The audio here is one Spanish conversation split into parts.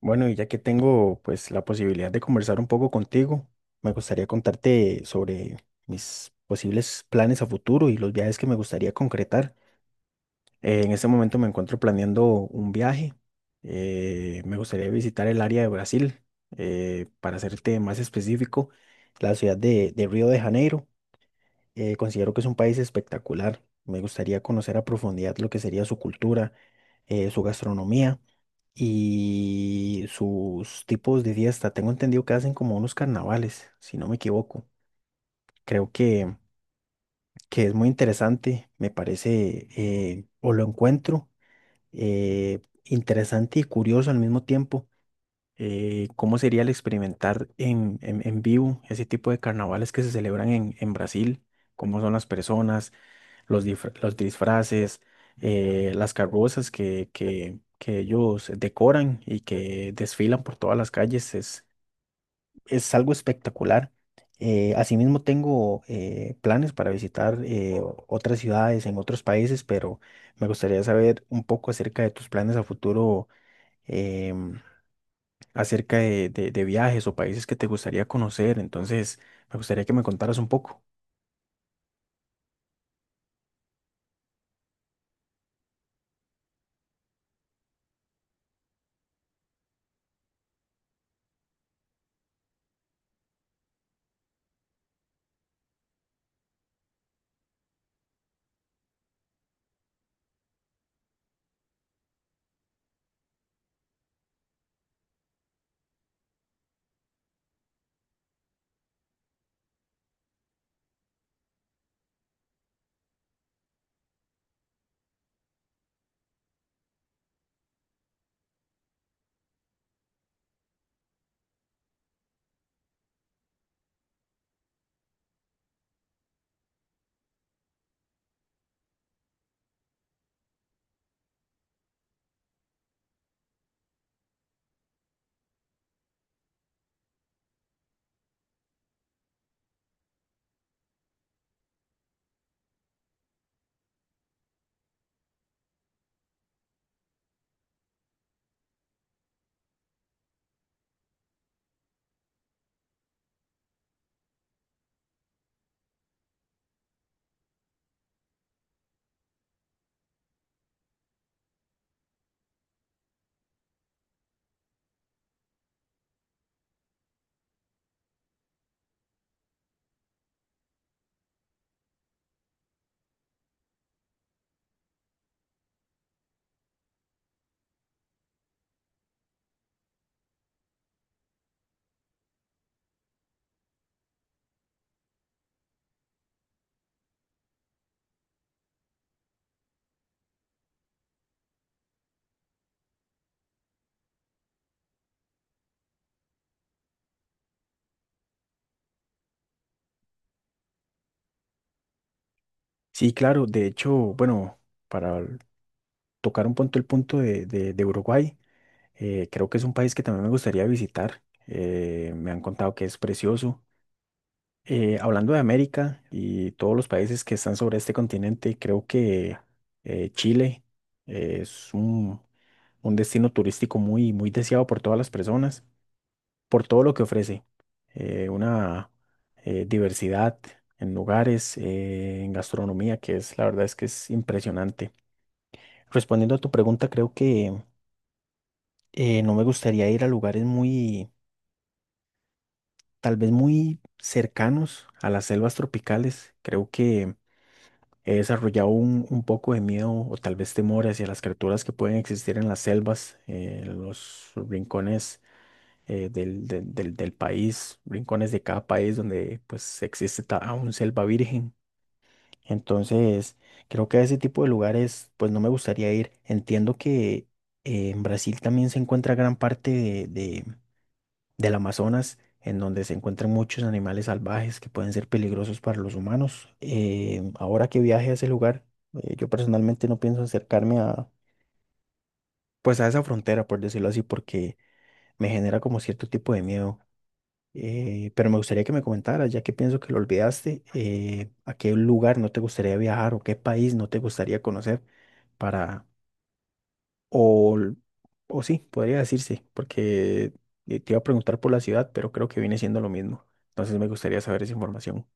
Bueno, y ya que tengo pues la posibilidad de conversar un poco contigo, me gustaría contarte sobre mis posibles planes a futuro y los viajes que me gustaría concretar. En este momento me encuentro planeando un viaje. Me gustaría visitar el área de Brasil, para serte más específico, la ciudad de Río de Janeiro. Considero que es un país espectacular. Me gustaría conocer a profundidad lo que sería su cultura, su gastronomía y sus tipos de fiesta. Tengo entendido que hacen como unos carnavales, si no me equivoco. Creo que, que es muy interesante, me parece, o lo encuentro interesante y curioso al mismo tiempo. ¿Cómo sería el experimentar en vivo ese tipo de carnavales que se celebran en Brasil? ¿Cómo son las personas? Los disfraces, las carrozas que ellos decoran y que desfilan por todas las calles, es algo espectacular. Asimismo, tengo planes para visitar otras ciudades en otros países, pero me gustaría saber un poco acerca de tus planes a futuro, em, acerca de, de viajes o países que te gustaría conocer. Entonces, me gustaría que me contaras un poco. Sí, claro, de hecho, bueno, para tocar un punto el punto de Uruguay. Creo que es un país que también me gustaría visitar. Me han contado que es precioso. Hablando de América y todos los países que están sobre este continente, creo que Chile es un destino turístico muy, muy deseado por todas las personas, por todo lo que ofrece. Una diversidad en lugares, en gastronomía, que es la verdad es que es impresionante. Respondiendo a tu pregunta, creo que no me gustaría ir a lugares muy, tal vez muy cercanos a las selvas tropicales. Creo que he desarrollado un poco de miedo o tal vez temor hacia las criaturas que pueden existir en las selvas, en los rincones del país, rincones de cada país donde pues existe aún selva virgen. Entonces, creo que a ese tipo de lugares pues no me gustaría ir. Entiendo que en Brasil también se encuentra gran parte de del Amazonas, en donde se encuentran muchos animales salvajes que pueden ser peligrosos para los humanos. Ahora que viaje a ese lugar, yo personalmente no pienso pues a esa frontera, por decirlo así, porque me genera como cierto tipo de miedo. Pero me gustaría que me comentaras, ya que pienso que lo olvidaste, a qué lugar no te gustaría viajar o qué país no te gustaría conocer para O, o sí, podría decirse, porque te iba a preguntar por la ciudad, pero creo que viene siendo lo mismo. Entonces me gustaría saber esa información.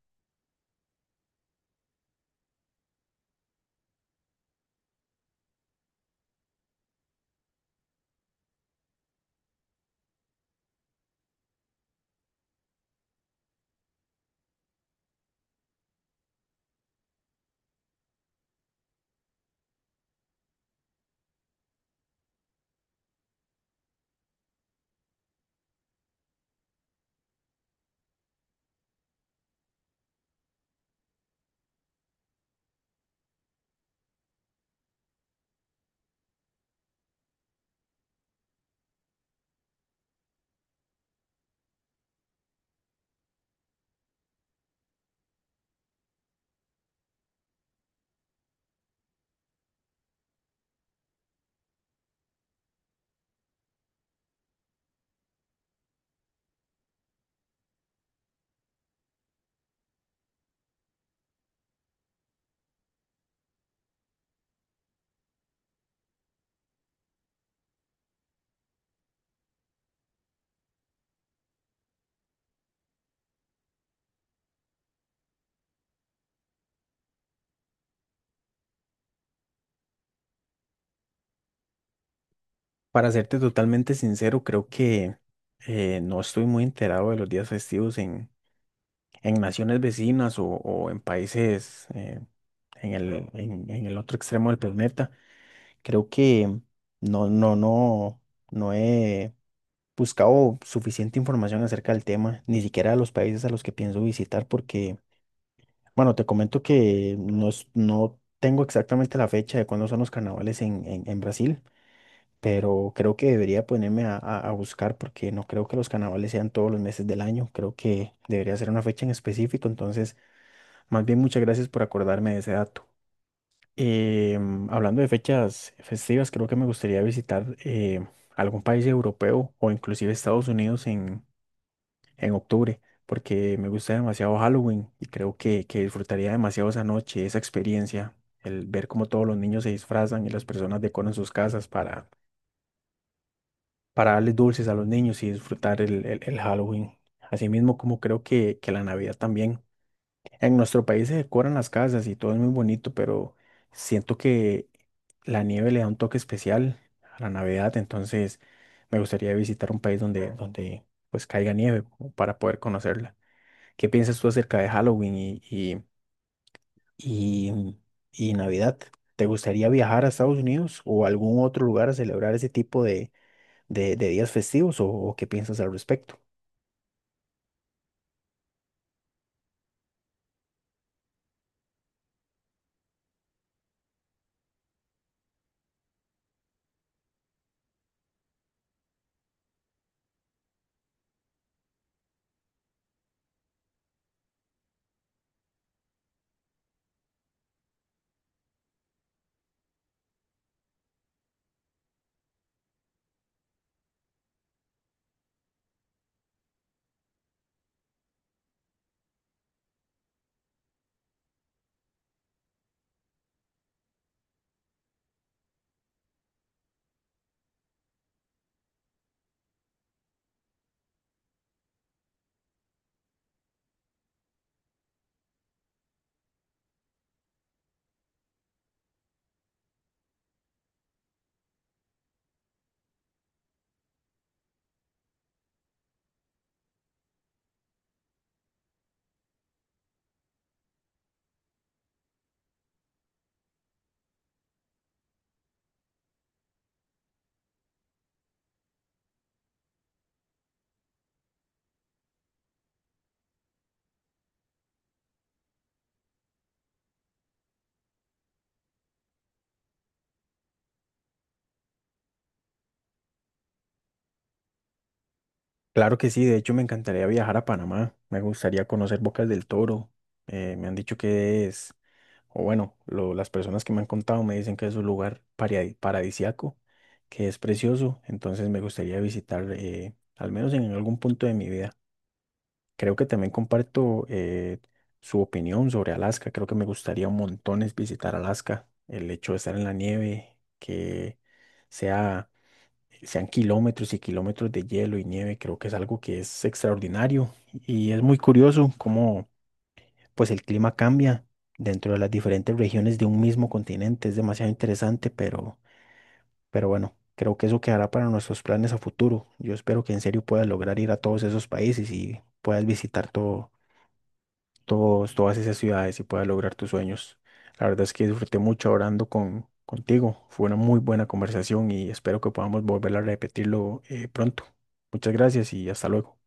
Para serte totalmente sincero, creo que no estoy muy enterado de los días festivos en naciones vecinas o en países en en el otro extremo del planeta. Creo que no, no, no, no he buscado suficiente información acerca del tema, ni siquiera de los países a los que pienso visitar, porque bueno, te comento que no tengo exactamente la fecha de cuándo son los carnavales en Brasil, pero creo que debería ponerme a buscar porque no creo que los carnavales sean todos los meses del año. Creo que debería ser una fecha en específico. Entonces, más bien muchas gracias por acordarme de ese dato. Em, hablando de fechas festivas, creo que me gustaría visitar algún país europeo o inclusive Estados Unidos en octubre, porque me gusta demasiado Halloween y creo que disfrutaría demasiado esa noche, esa experiencia, el ver cómo todos los niños se disfrazan y las personas decoran sus casas para darles dulces a los niños y disfrutar el Halloween. Asimismo, como creo que la Navidad también. En nuestro país se decoran las casas y todo es muy bonito, pero siento que la nieve le da un toque especial a la Navidad, entonces me gustaría visitar un país donde pues caiga nieve como para poder conocerla. ¿Qué piensas tú acerca de Halloween y- y Navidad? ¿Te gustaría viajar a Estados Unidos o a algún otro lugar a celebrar ese tipo de días festivos o qué piensas al respecto? Claro que sí, de hecho me encantaría viajar a Panamá, me gustaría conocer Bocas del Toro, me han dicho que es, o bueno, las personas que me han contado me dicen que es un lugar paradisiaco, que es precioso, entonces me gustaría visitar al menos en algún punto de mi vida. Creo que también comparto su opinión sobre Alaska. Creo que me gustaría un montón es visitar Alaska. El hecho de estar en la nieve, que sea, sean kilómetros y kilómetros de hielo y nieve, creo que es algo que es extraordinario. Y es muy curioso cómo pues el clima cambia dentro de las diferentes regiones de un mismo continente. Es demasiado interesante, pero bueno, creo que eso quedará para nuestros planes a futuro. Yo espero que en serio puedas lograr ir a todos esos países y puedas visitar todos, todas esas ciudades y puedas lograr tus sueños. La verdad es que disfruté mucho orando contigo. Fue una muy buena conversación y espero que podamos volver a repetirlo pronto. Muchas gracias y hasta luego.